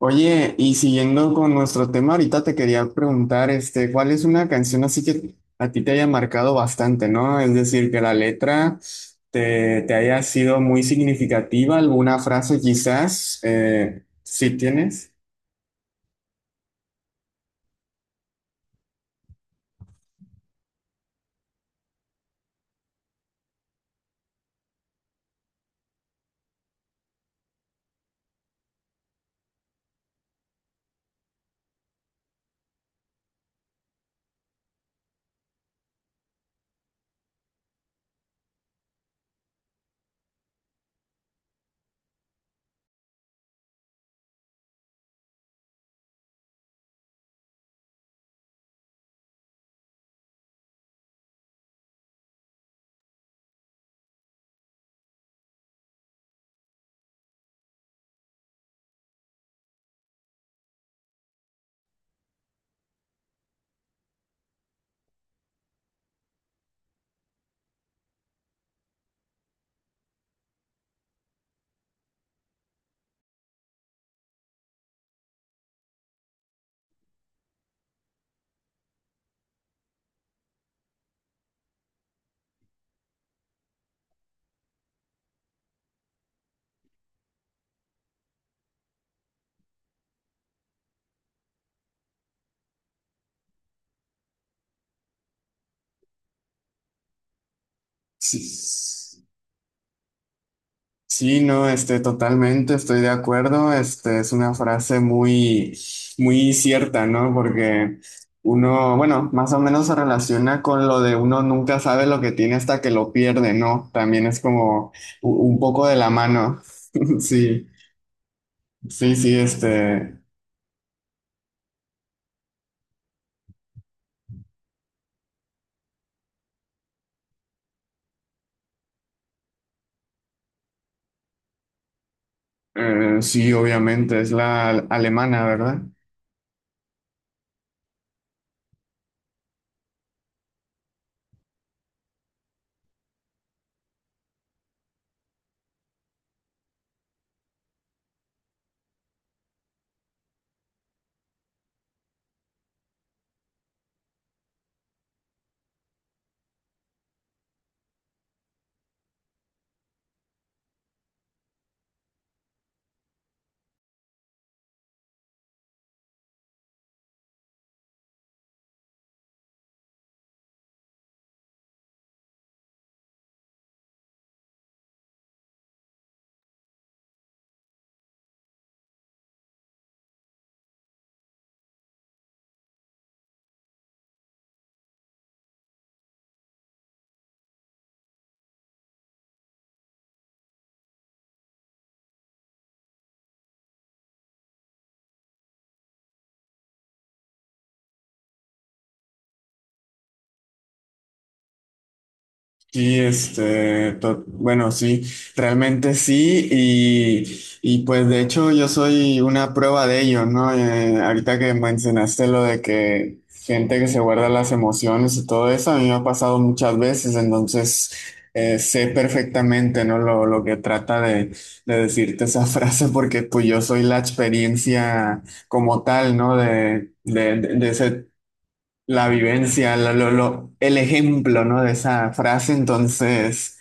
Oye, y siguiendo con nuestro tema, ahorita te quería preguntar, ¿cuál es una canción así que a ti te haya marcado bastante, ¿no? Es decir, que la letra te haya sido muy significativa, alguna frase quizás, si tienes. Sí, sí, no, totalmente estoy de acuerdo. Este, es una frase muy cierta, ¿no? Porque uno, bueno, más o menos se relaciona con lo de uno nunca sabe lo que tiene hasta que lo pierde, ¿no? También es como un poco de la mano. Sí, sí, sí, este, sí, obviamente, es la alemana, ¿verdad? Sí, bueno, sí, realmente sí, y pues de hecho yo soy una prueba de ello, ¿no? Ahorita que mencionaste lo de que gente que se guarda las emociones y todo eso, a mí me ha pasado muchas veces, entonces sé perfectamente, ¿no? Lo que trata de decirte esa frase, porque pues yo soy la experiencia como tal, ¿no? De, de ese la vivencia, el ejemplo, ¿no? De esa frase, entonces,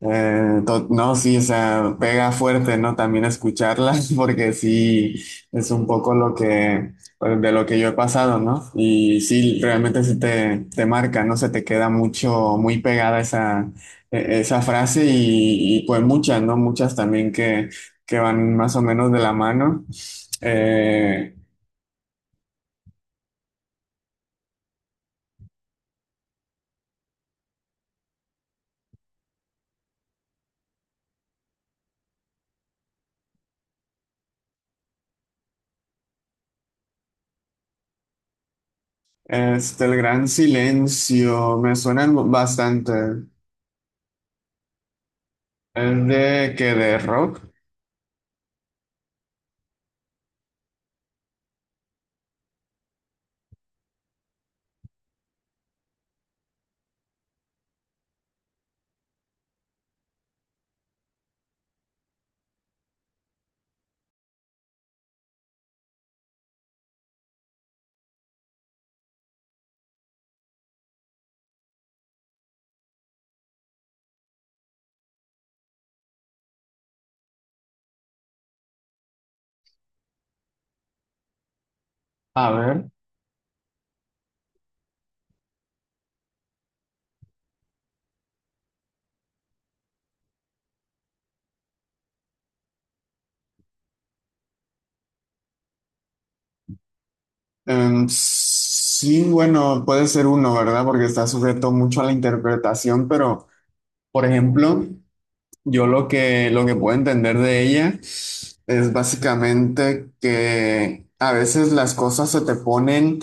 no, sí, o sea, pega fuerte, ¿no? También escucharla, porque sí, es un poco lo que, pues, de lo que yo he pasado, ¿no? Y sí, realmente se te marca, ¿no? Se te queda mucho, muy pegada esa, esa frase y, pues muchas, ¿no? Muchas también que van más o menos de la mano. Eh, Este, el gran silencio, me suenan bastante. ¿Es de que de rock? A ver. Em, sí, bueno, puede ser uno, ¿verdad? Porque está sujeto mucho a la interpretación, pero, por ejemplo, lo que puedo entender de ella es básicamente que a veces las cosas se te ponen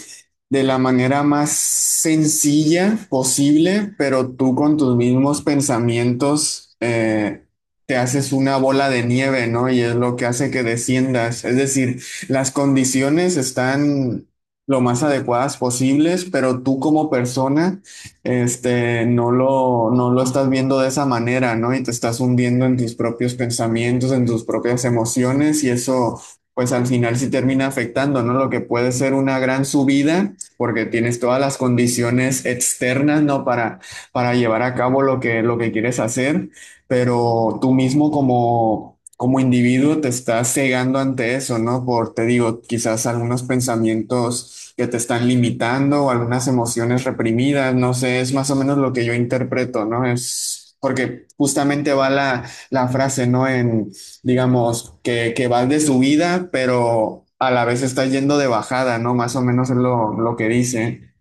de la manera más sencilla posible, pero tú con tus mismos pensamientos te haces una bola de nieve, ¿no? Y es lo que hace que desciendas. Es decir, las condiciones están lo más adecuadas posibles, pero tú como persona este, no lo estás viendo de esa manera, ¿no? Y te estás hundiendo en tus propios pensamientos, en tus propias emociones y eso, pues al final sí termina afectando, ¿no? Lo que puede ser una gran subida porque tienes todas las condiciones externas, ¿no? Para llevar a cabo lo que quieres hacer pero tú mismo como individuo te estás cegando ante eso, ¿no? Por, te digo, quizás algunos pensamientos que te están limitando o algunas emociones reprimidas, no sé, es más o menos lo que yo interpreto, ¿no? Es porque justamente va la frase, ¿no? En, digamos, que vas de subida, pero a la vez estás yendo de bajada, ¿no? Más o menos es lo que dice.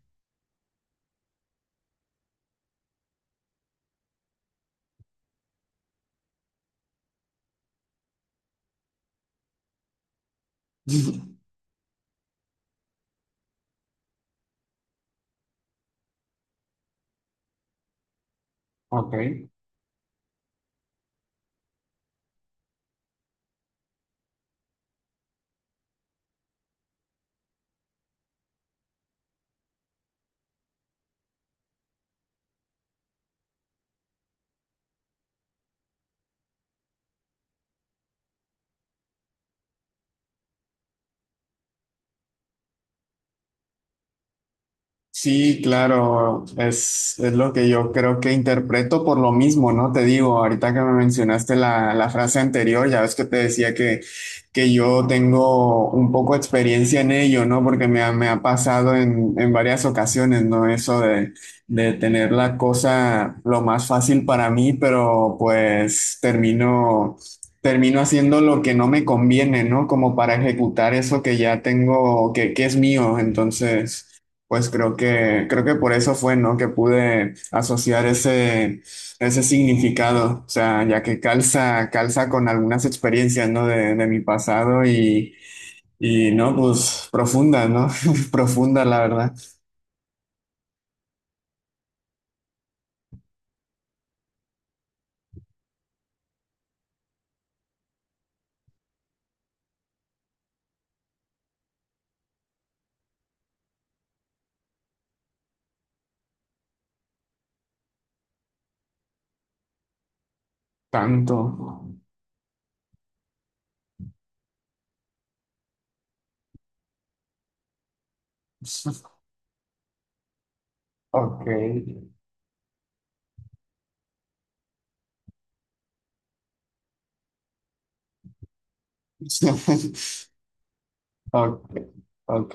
Ok. Sí, claro, es lo que yo creo que interpreto por lo mismo, ¿no? Te digo, ahorita que me mencionaste la frase anterior, ya ves que te decía que yo tengo un poco de experiencia en ello, ¿no? Porque me me ha pasado en varias ocasiones, ¿no? Eso de tener la cosa lo más fácil para mí, pero pues termino, termino haciendo lo que no me conviene, ¿no? Como para ejecutar eso que ya tengo, que es mío, entonces... Pues creo creo que por eso fue, ¿no? Que pude asociar ese, ese significado, o sea, ya que calza, calza con algunas experiencias, ¿no? De mi pasado y, ¿no? Pues profunda, ¿no? Profunda, la verdad. Tanto. Ok. Ok. Ok.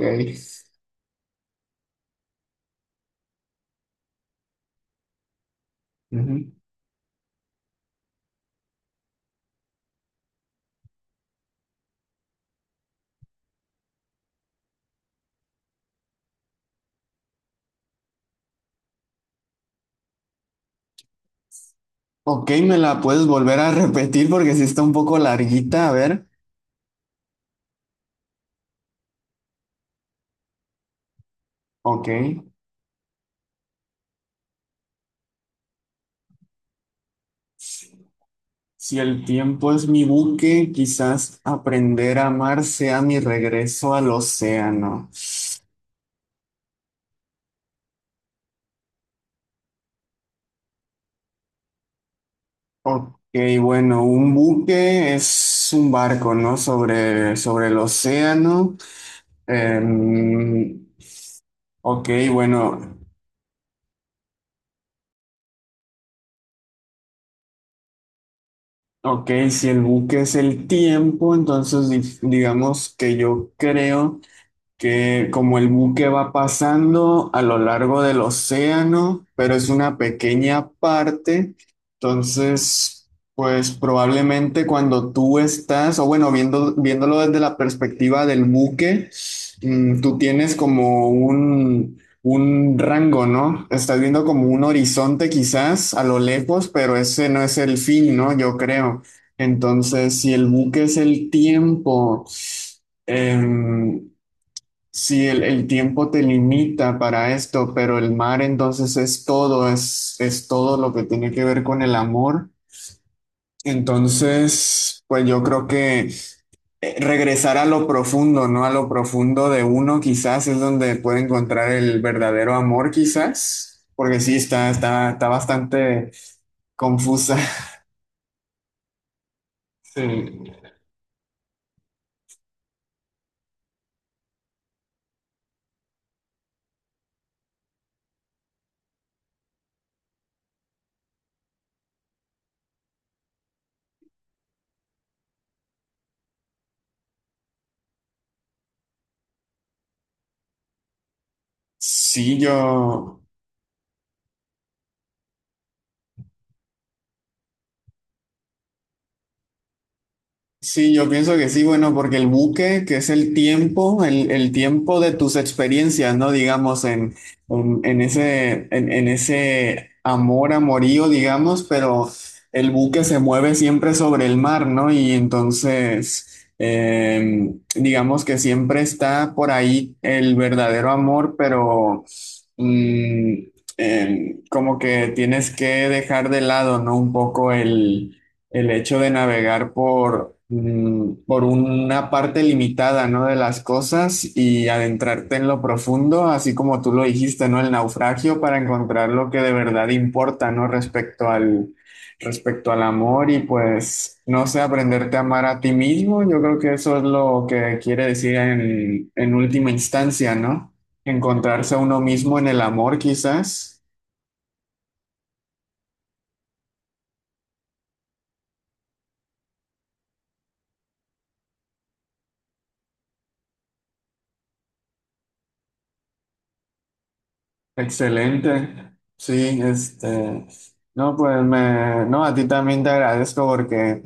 Ujú. Ok, me la puedes volver a repetir porque sí está un poco larguita, a ver. Ok. Si el tiempo es mi buque, quizás aprender a amar sea mi regreso al océano. Ok, bueno, un buque es un barco, ¿no? Sobre el océano. Em, ok, bueno, ok, si el buque es el tiempo, entonces digamos que yo creo que como el buque va pasando a lo largo del océano, pero es una pequeña parte, entonces, pues probablemente cuando tú estás, o bueno, viéndolo desde la perspectiva del buque, mm, tú tienes como un rango, ¿no? Estás viendo como un horizonte quizás a lo lejos, pero ese no es el fin, ¿no? Yo creo. Entonces, si el buque es el tiempo, em, sí, el tiempo te limita para esto, pero el mar entonces es todo, es todo lo que tiene que ver con el amor. Entonces, pues yo creo que regresar a lo profundo, ¿no? A lo profundo de uno quizás es donde puede encontrar el verdadero amor quizás, porque sí, está bastante confusa. Sí, sí, yo... Sí, yo pienso que sí, bueno, porque el buque, que es el tiempo, el tiempo de tus experiencias, ¿no? Digamos, en ese, en ese amor, amorío, digamos, pero el buque se mueve siempre sobre el mar, ¿no? Y entonces, digamos que siempre está por ahí el verdadero amor, pero mm, como que tienes que dejar de lado, ¿no? Un poco el hecho de navegar por, mm, por una parte limitada, ¿no? De las cosas y adentrarte en lo profundo, así como tú lo dijiste, ¿no? El naufragio para encontrar lo que de verdad importa, ¿no? Respecto al amor y pues, no sé, aprenderte a amar a ti mismo. Yo creo que eso es lo que quiere decir en última instancia, ¿no? Encontrarse a uno mismo en el amor, quizás. Excelente. Sí, este, no, no, a ti también te agradezco porque,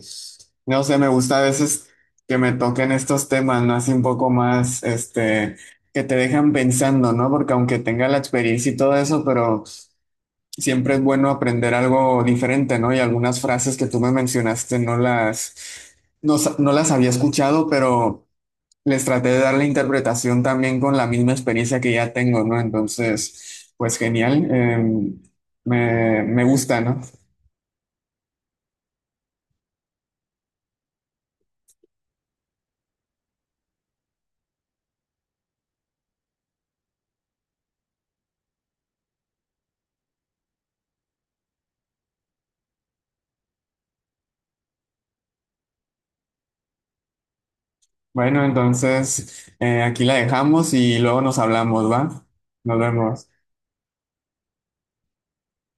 no sé, me gusta a veces que me toquen estos temas, ¿no? Así un poco más, este, que te dejan pensando, ¿no? Porque aunque tenga la experiencia y todo eso, pero siempre es bueno aprender algo diferente, ¿no? Y algunas frases que tú me mencionaste no las había escuchado, pero les traté de dar la interpretación también con la misma experiencia que ya tengo, ¿no? Entonces, pues genial, me gusta, ¿no? Bueno, entonces aquí la dejamos y luego nos hablamos, ¿va? Nos vemos.